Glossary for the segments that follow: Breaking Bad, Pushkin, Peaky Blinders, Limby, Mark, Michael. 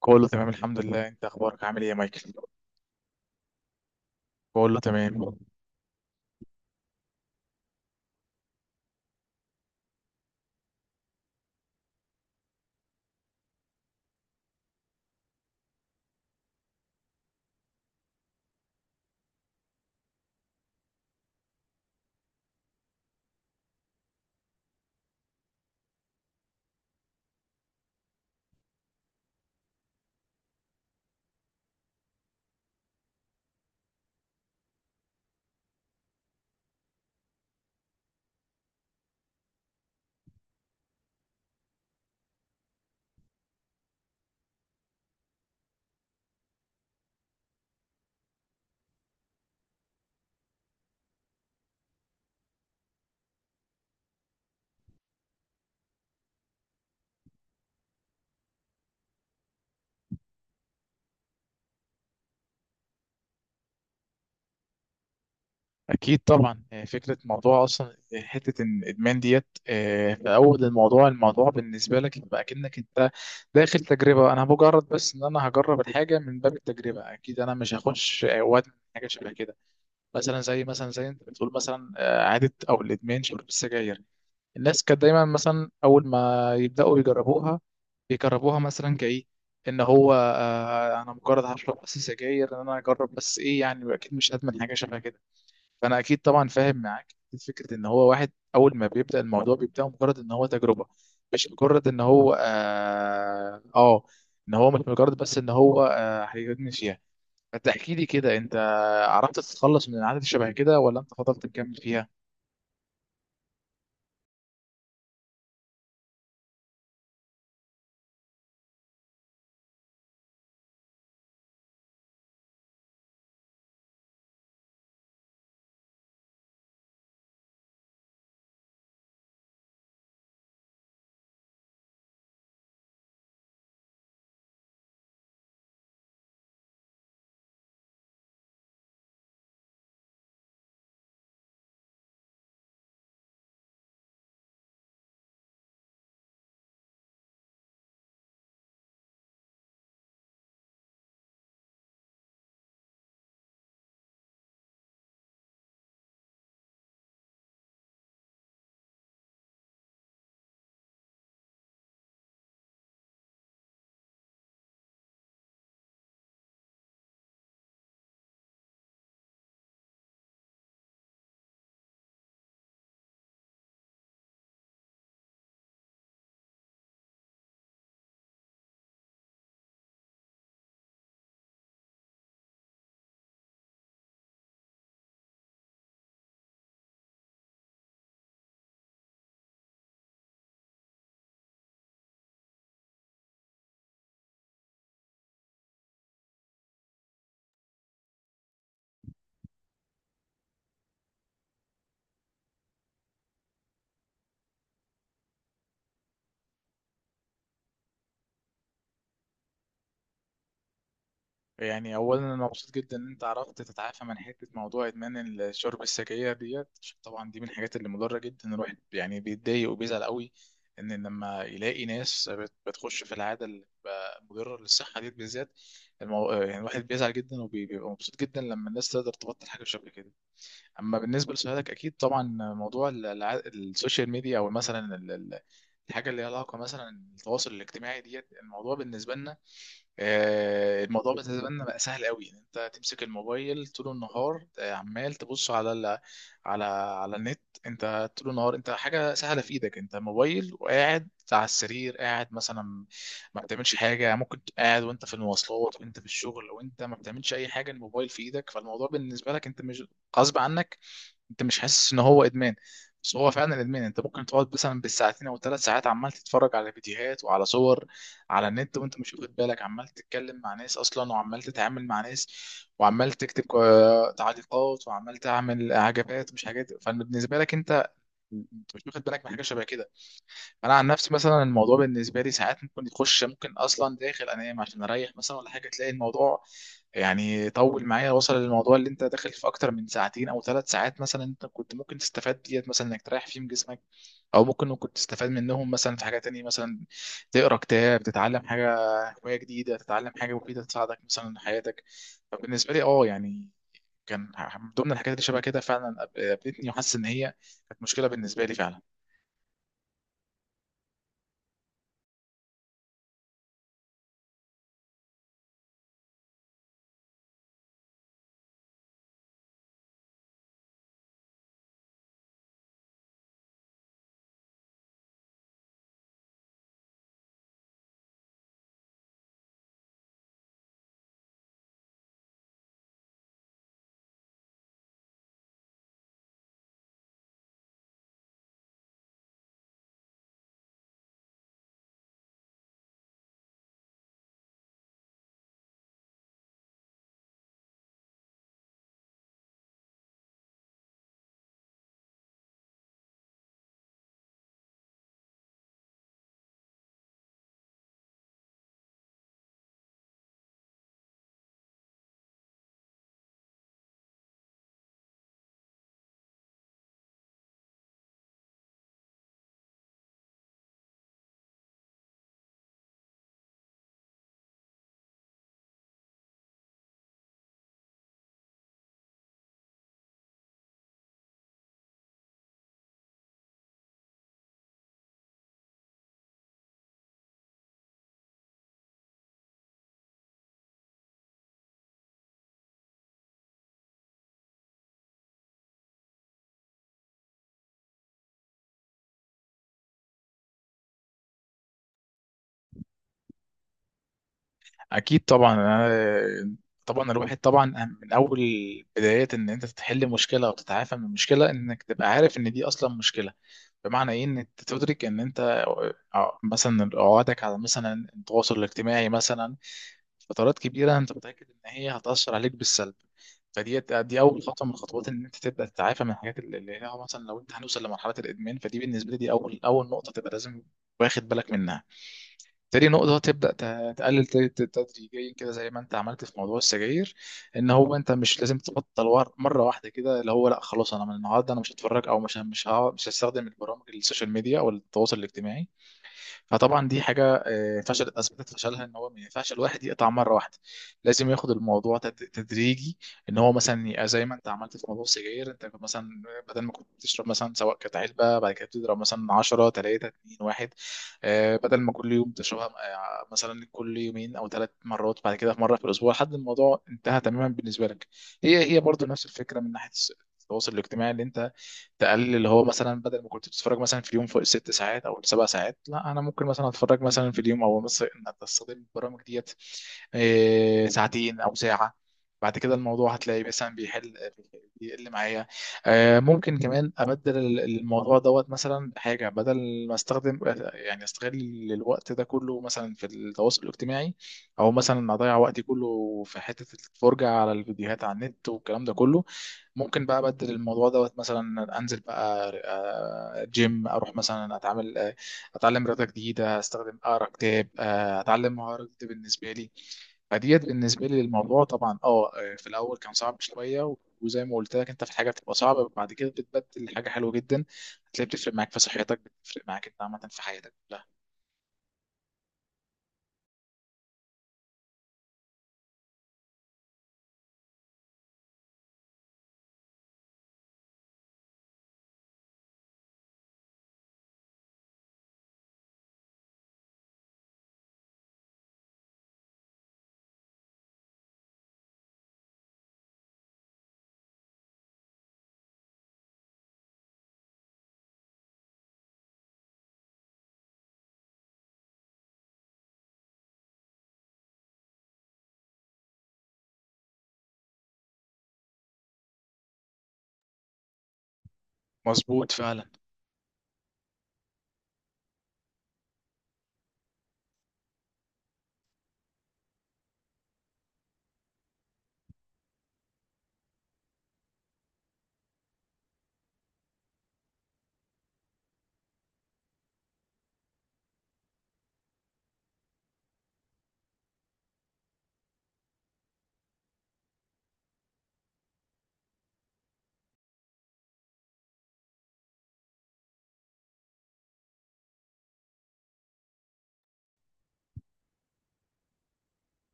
كله تمام الحمد لله. انت اخبارك عامل ايه يا مايكل؟ كله تمام. اكيد طبعا، فكره موضوع اصلا حته ان الادمان ديت في اول الموضوع، الموضوع بالنسبه لك يبقى اكنك انت داخل تجربه. انا مجرد بس ان انا هجرب الحاجه من باب التجربه. اكيد انا مش هخش وادمن حاجه شبه كده. مثلا زي انت بتقول مثلا عاده او الادمان شرب السجاير. الناس كانت دايما مثلا اول ما يبداوا يجربوها بيجربوها مثلا كايه ان هو انا مجرد هشرب بس سجاير، ان انا اجرب بس ايه يعني. اكيد مش ادمن حاجه شبه كده. فانا اكيد طبعا فاهم معاك. فكره ان هو واحد اول ما بيبدا الموضوع بيبدا مجرد ان هو تجربه، مش مجرد ان هو مش مجرد بس ان هو هيدمن فيها. فتحكي لي كده، انت عرفت تتخلص من العادة شبه كده ولا انت فضلت تكمل فيها؟ يعني اولا انا مبسوط جدا ان انت عرفت تتعافى من حته موضوع ادمان الشرب السجاير ديت، عشان طبعا دي من الحاجات اللي مضره جدا. الواحد يعني بيتضايق وبيزعل قوي ان لما يلاقي ناس بتخش في العاده اللي بتبقى مضره للصحه ديت بالذات. يعني الواحد بيزعل جدا وبيبقى مبسوط جدا لما الناس تقدر تبطل حاجه شبه كده. اما بالنسبه لسؤالك، اكيد طبعا موضوع السوشيال ميديا او مثلا الحاجه اللي ليها علاقه مثلا التواصل الاجتماعي ديت، الموضوع بالنسبه لنا الموضوع بالنسبه لنا بقى سهل قوي ان انت تمسك الموبايل طول النهار. عمال تبص على على النت. انت طول النهار انت حاجه سهله في ايدك انت، موبايل وقاعد على السرير، قاعد مثلا ما بتعملش حاجه. ممكن تبقى قاعد وانت في المواصلات وانت في الشغل وانت ما بتعملش اي حاجه، الموبايل في ايدك. فالموضوع بالنسبه لك، انت مش غصب عنك، انت مش حاسس ان هو ادمان، بس هو فعلا ادمان. انت ممكن تقعد مثلا بالساعتين او ثلاث ساعات عمال تتفرج على فيديوهات وعلى صور على النت وانت مش واخد بالك، عمال تتكلم مع ناس اصلا وعمال تتعامل مع ناس وعمال تكتب تعليقات وعمال تعمل عجبات مش حاجات. فبالنسبه لك انت، انت مش واخد بالك من حاجه شبه كده. فانا عن نفسي مثلا الموضوع بالنسبه لي، ساعات ممكن يخش، ممكن اصلا داخل انام عشان اريح مثلا ولا حاجه، تلاقي الموضوع يعني طول معايا وصل للموضوع اللي انت داخل في اكتر من ساعتين او ثلاث ساعات. مثلا انت كنت ممكن تستفاد ديت مثلا انك تريح فيهم جسمك، او ممكن تستفاد منهم مثلا في حاجه تانية، مثلا تقرا كتاب، تتعلم حاجه، هوايه جديده، تتعلم حاجه مفيده تساعدك مثلا في حياتك. فبالنسبه لي اه يعني كان من ضمن الحاجات اللي شبه كده فعلا قابلتني وحاسس ان هي كانت مشكله بالنسبه لي فعلا. اكيد طبعا. طبعا الواحد طبعا من اول بدايات ان انت تحل مشكله وتتعافى من مشكله، انك تبقى عارف ان دي اصلا مشكله. بمعنى ايه؟ ان انت تدرك ان انت مثلا عقدك على مثلا التواصل الاجتماعي مثلا فترات كبيره انت متاكد ان هي هتاثر عليك بالسلب. فدي اول خطوه من الخطوات ان انت تبدا تتعافى من الحاجات اللي هي مثلا لو انت هنوصل لمرحله الادمان، فدي بالنسبه لي دي اول نقطه تبقى لازم واخد بالك منها. تاني نقطه تبدا تقلل تدريجيا كده زي ما انت عملت في موضوع السجاير. ان هو انت مش لازم تبطل مره واحده كده، اللي هو لا خلاص انا من النهارده انا مش هتفرج، او مش هستخدم البرامج السوشيال ميديا او التواصل الاجتماعي. فطبعا دي حاجه فشل اثبتت فشلها، ان هو ما ينفعش الواحد يقطع مره واحده. لازم ياخد الموضوع تدريجي، ان هو مثلا يبقى زي ما انت عملت في موضوع السجاير. انت كنت مثلا بدل ما كنت بتشرب مثلا سواء كانت علبه، بعد كده بتضرب مثلا 10 3 2 1، بدل ما كل يوم تشربها مثلا كل يومين او ثلاث مرات، بعد كده في مره في الاسبوع لحد الموضوع انتهى تماما بالنسبه لك. هي هي برضو نفس الفكره من ناحيه التواصل الاجتماعي، اللي انت تقلل، اللي هو مثلا بدل ما كنت بتتفرج مثلا في اليوم فوق الست ساعات او السبع ساعات، لا انا ممكن مثلا اتفرج مثلا في اليوم، او مثلا ان استخدم البرامج ديت ساعتين او ساعه. بعد كده الموضوع هتلاقي مثلا بيحل، بيقل معايا. ممكن كمان ابدل الموضوع دوت مثلا بحاجه، بدل ما استخدم يعني استغل الوقت ده كله مثلا في التواصل الاجتماعي، او مثلا اضيع وقتي كله في حته الفرجه على الفيديوهات على النت والكلام ده كله، ممكن بقى ابدل الموضوع دوت، مثلا انزل بقى جيم، اروح مثلا اتعامل اتعلم رياضه جديده، استخدم اقرا كتاب، اتعلم مهاره جديده بالنسبه لي. فديت بالنسبه لي للموضوع طبعا اه في الاول كان صعب شويه وزي ما قلت لك انت، في حاجه بتبقى صعبه بعد كده بتبدل حاجه حلوه جدا. هتلاقي بتفرق معاك في صحتك، بتفرق معاك انت عامه في حياتك كلها. مظبوط فعلا.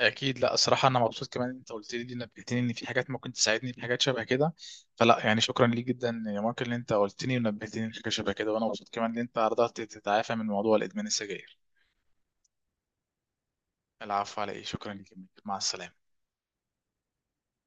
اكيد. لا الصراحه انا مبسوط كمان إن انت قلت لي دي، نبهتني ان في حاجات ممكن تساعدني في حاجات شبه كده. فلا يعني شكرا ليك جدا يا مارك ان انت قلتني ونبهتني في حاجه شبه كده، وانا مبسوط كمان ان انت قدرت تتعافى من موضوع الادمان السجاير. العفو على ايه، شكرا ليك يا مايكل. مع السلامه.